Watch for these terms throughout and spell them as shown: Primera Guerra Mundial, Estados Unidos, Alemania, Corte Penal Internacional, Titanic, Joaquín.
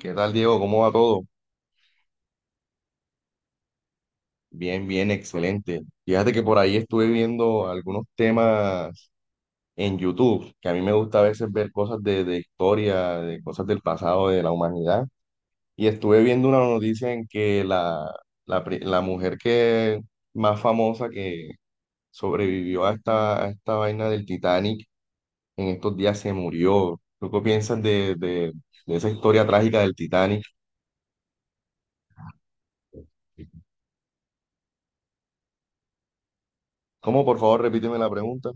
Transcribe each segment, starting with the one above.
¿Qué tal, Diego? ¿Cómo va todo? Bien, bien, excelente. Fíjate que por ahí estuve viendo algunos temas en YouTube, que a mí me gusta a veces ver cosas de historia, de cosas del pasado, de la humanidad. Y estuve viendo una noticia en que la mujer que más famosa que sobrevivió a a esta vaina del Titanic, en estos días se murió. ¿Tú qué piensas de esa historia trágica del Titanic? ¿Cómo, por favor, repíteme la pregunta?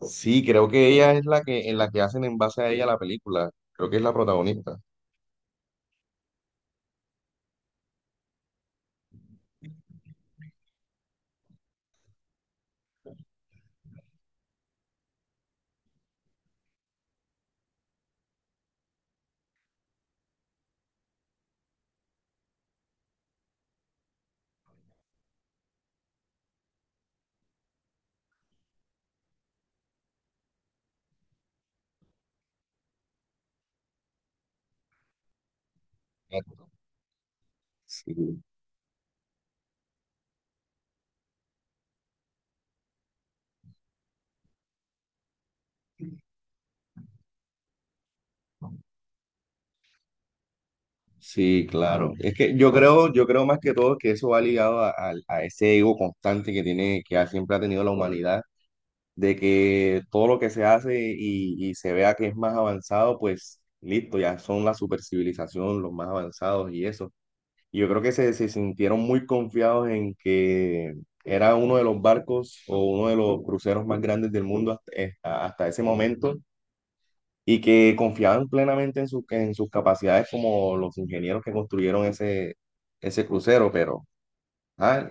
Sí, creo que ella es en la que hacen en base a ella la película. Creo que es la protagonista. Sí, sí, claro. Es que yo creo más que todo que eso va ligado a ese ego constante que siempre ha tenido la humanidad, de que todo lo que se hace y se vea que es más avanzado, pues listo, ya son la supercivilización, los más avanzados y eso. Y yo creo que se sintieron muy confiados en que era uno de los barcos o uno de los cruceros más grandes del mundo hasta, hasta ese momento y que confiaban plenamente en sus capacidades como los ingenieros que construyeron ese crucero. Pero ah,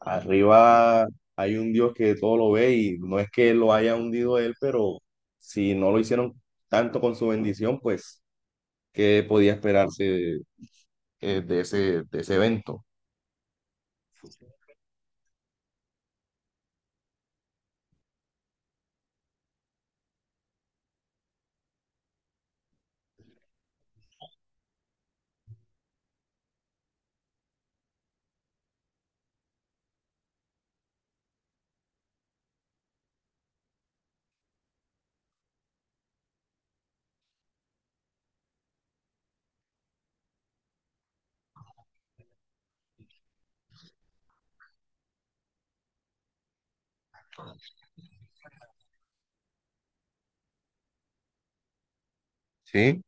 arriba hay un Dios que todo lo ve y no es que lo haya hundido él, pero si no lo hicieron tanto con su bendición, pues, ¿qué podía esperarse de de ese evento? Sí.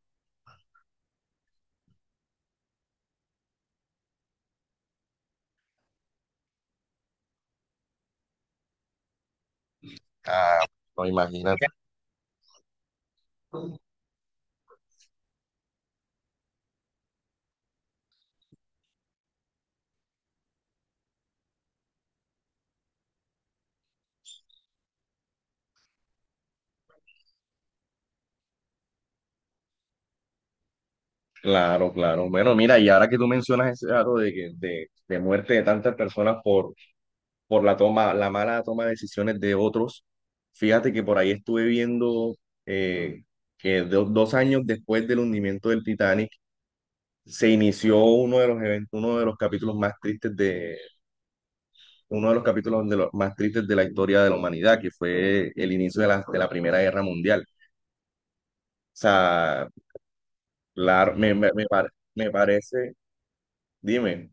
Ah, no, imagínate. Claro, claro. Bueno, mira, y ahora que tú mencionas ese dato de muerte de tantas personas por la mala toma de decisiones de otros, fíjate que por ahí estuve viendo eh, dos años después del hundimiento del Titanic se inició uno de los eventos, uno de los capítulos de los más tristes de la historia de la humanidad, que fue el inicio de de la Primera Guerra Mundial. O sea, la, me par- me parece, dime.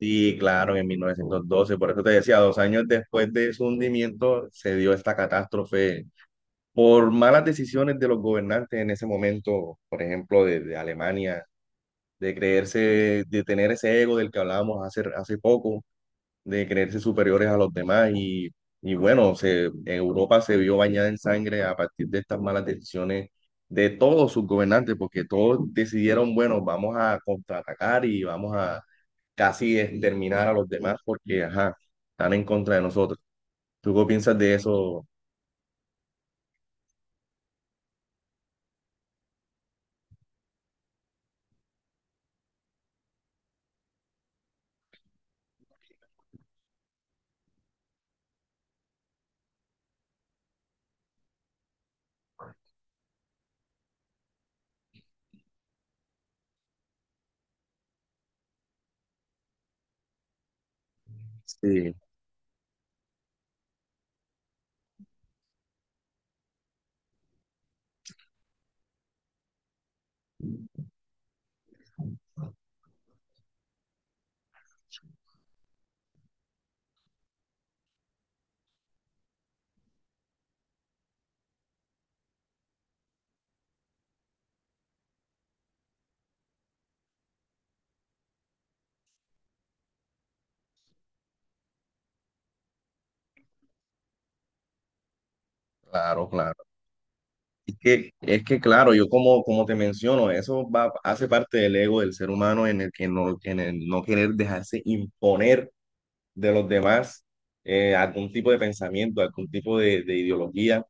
Sí, claro, en 1912. Por eso te decía, dos años después de su hundimiento se dio esta catástrofe por malas decisiones de los gobernantes en ese momento, por ejemplo, de Alemania, de tener ese ego del que hablábamos hace poco, de creerse superiores a los demás y bueno, se, Europa se vio bañada en sangre a partir de estas malas decisiones de todos sus gobernantes, porque todos decidieron, bueno, vamos a contraatacar y vamos a casi exterminar a los demás porque, ajá, están en contra de nosotros. ¿Tú qué piensas de eso? Sí, claro, claro. Es que claro, yo como, como te menciono, eso va, hace parte del ego del ser humano en el que no, en el no querer dejarse imponer de los demás algún tipo de pensamiento, algún tipo de ideología.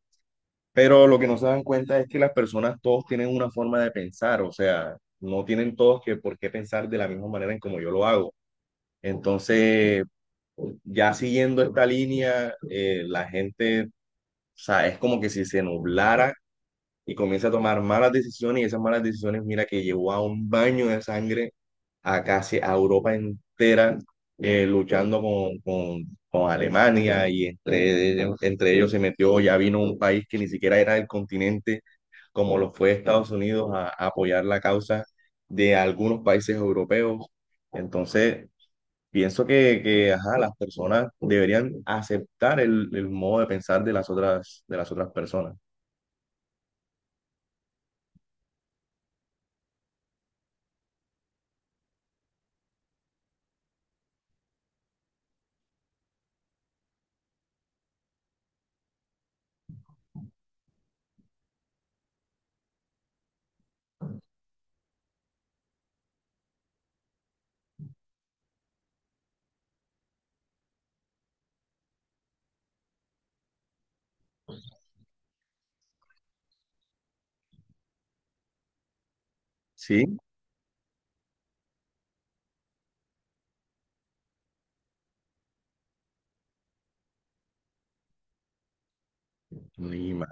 Pero lo que no se dan cuenta es que las personas todos tienen una forma de pensar, o sea, no tienen todos que por qué pensar de la misma manera en como yo lo hago. Entonces, ya siguiendo esta línea, la gente, o sea, es como que si se nublara y comienza a tomar malas decisiones y esas malas decisiones, mira, que llevó a un baño de sangre a casi a Europa entera luchando con Alemania y entre ellos se metió, ya vino un país que ni siquiera era del continente, como lo fue Estados Unidos, a apoyar la causa de algunos países europeos. Entonces, pienso que, ajá, las personas deberían aceptar el modo de pensar de las otras personas. Sí, ni más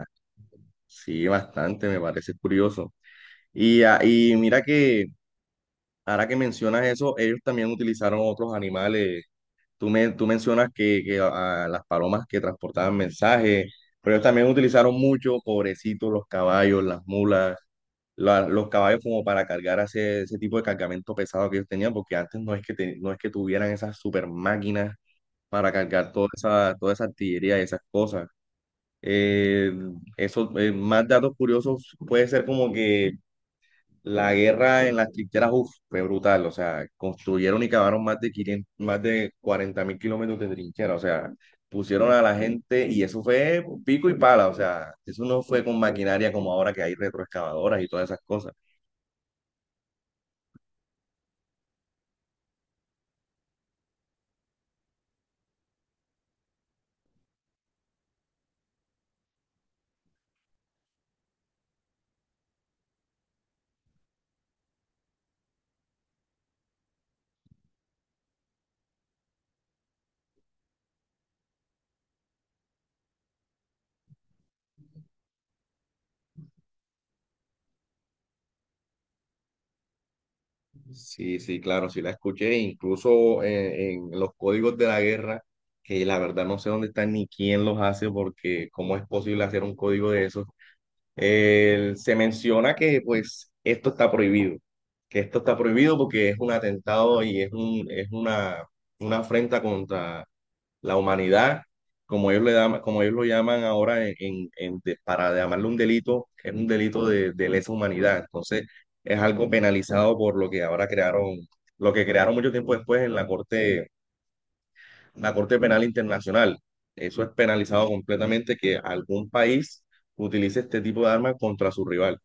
sí, bastante, me parece curioso. Y, ah, y mira que ahora que mencionas eso, ellos también utilizaron otros animales. Tú mencionas que las palomas que transportaban mensajes, pero ellos también utilizaron mucho, pobrecitos, los caballos, las mulas. Los caballos como para cargar ese tipo de cargamento pesado que ellos tenían, porque antes no es no es que tuvieran esas super máquinas para cargar toda esa artillería y esas cosas. Eh, Más datos curiosos puede ser como que la guerra en las trincheras, uf, fue brutal, o sea, construyeron y cavaron más de 40.000 kilómetros de trinchera, o sea, pusieron a la gente y eso fue pico y pala, o sea, eso no fue con maquinaria como ahora que hay retroexcavadoras y todas esas cosas. Sí, sí, claro, sí la escuché, incluso los códigos de la guerra, que la verdad no sé dónde están ni quién los hace, porque cómo es posible hacer un código de esos. El se menciona que pues esto está prohibido, que esto está prohibido porque es un atentado y es es una afrenta contra la humanidad, como como ellos lo llaman ahora para llamarlo un delito, es un delito de lesa humanidad. Entonces, es algo penalizado por lo que ahora crearon, lo que crearon mucho tiempo después en la Corte Penal Internacional. Eso es penalizado completamente que algún país utilice este tipo de armas contra su rival.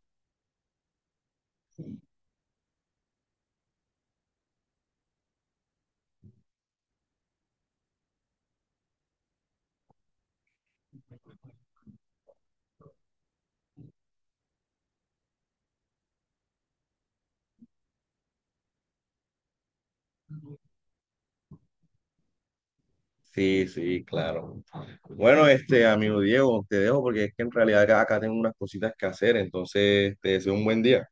Sí, sí, claro. Bueno, este amigo Diego, te dejo porque es que en realidad acá tengo unas cositas que hacer, entonces te deseo un buen día.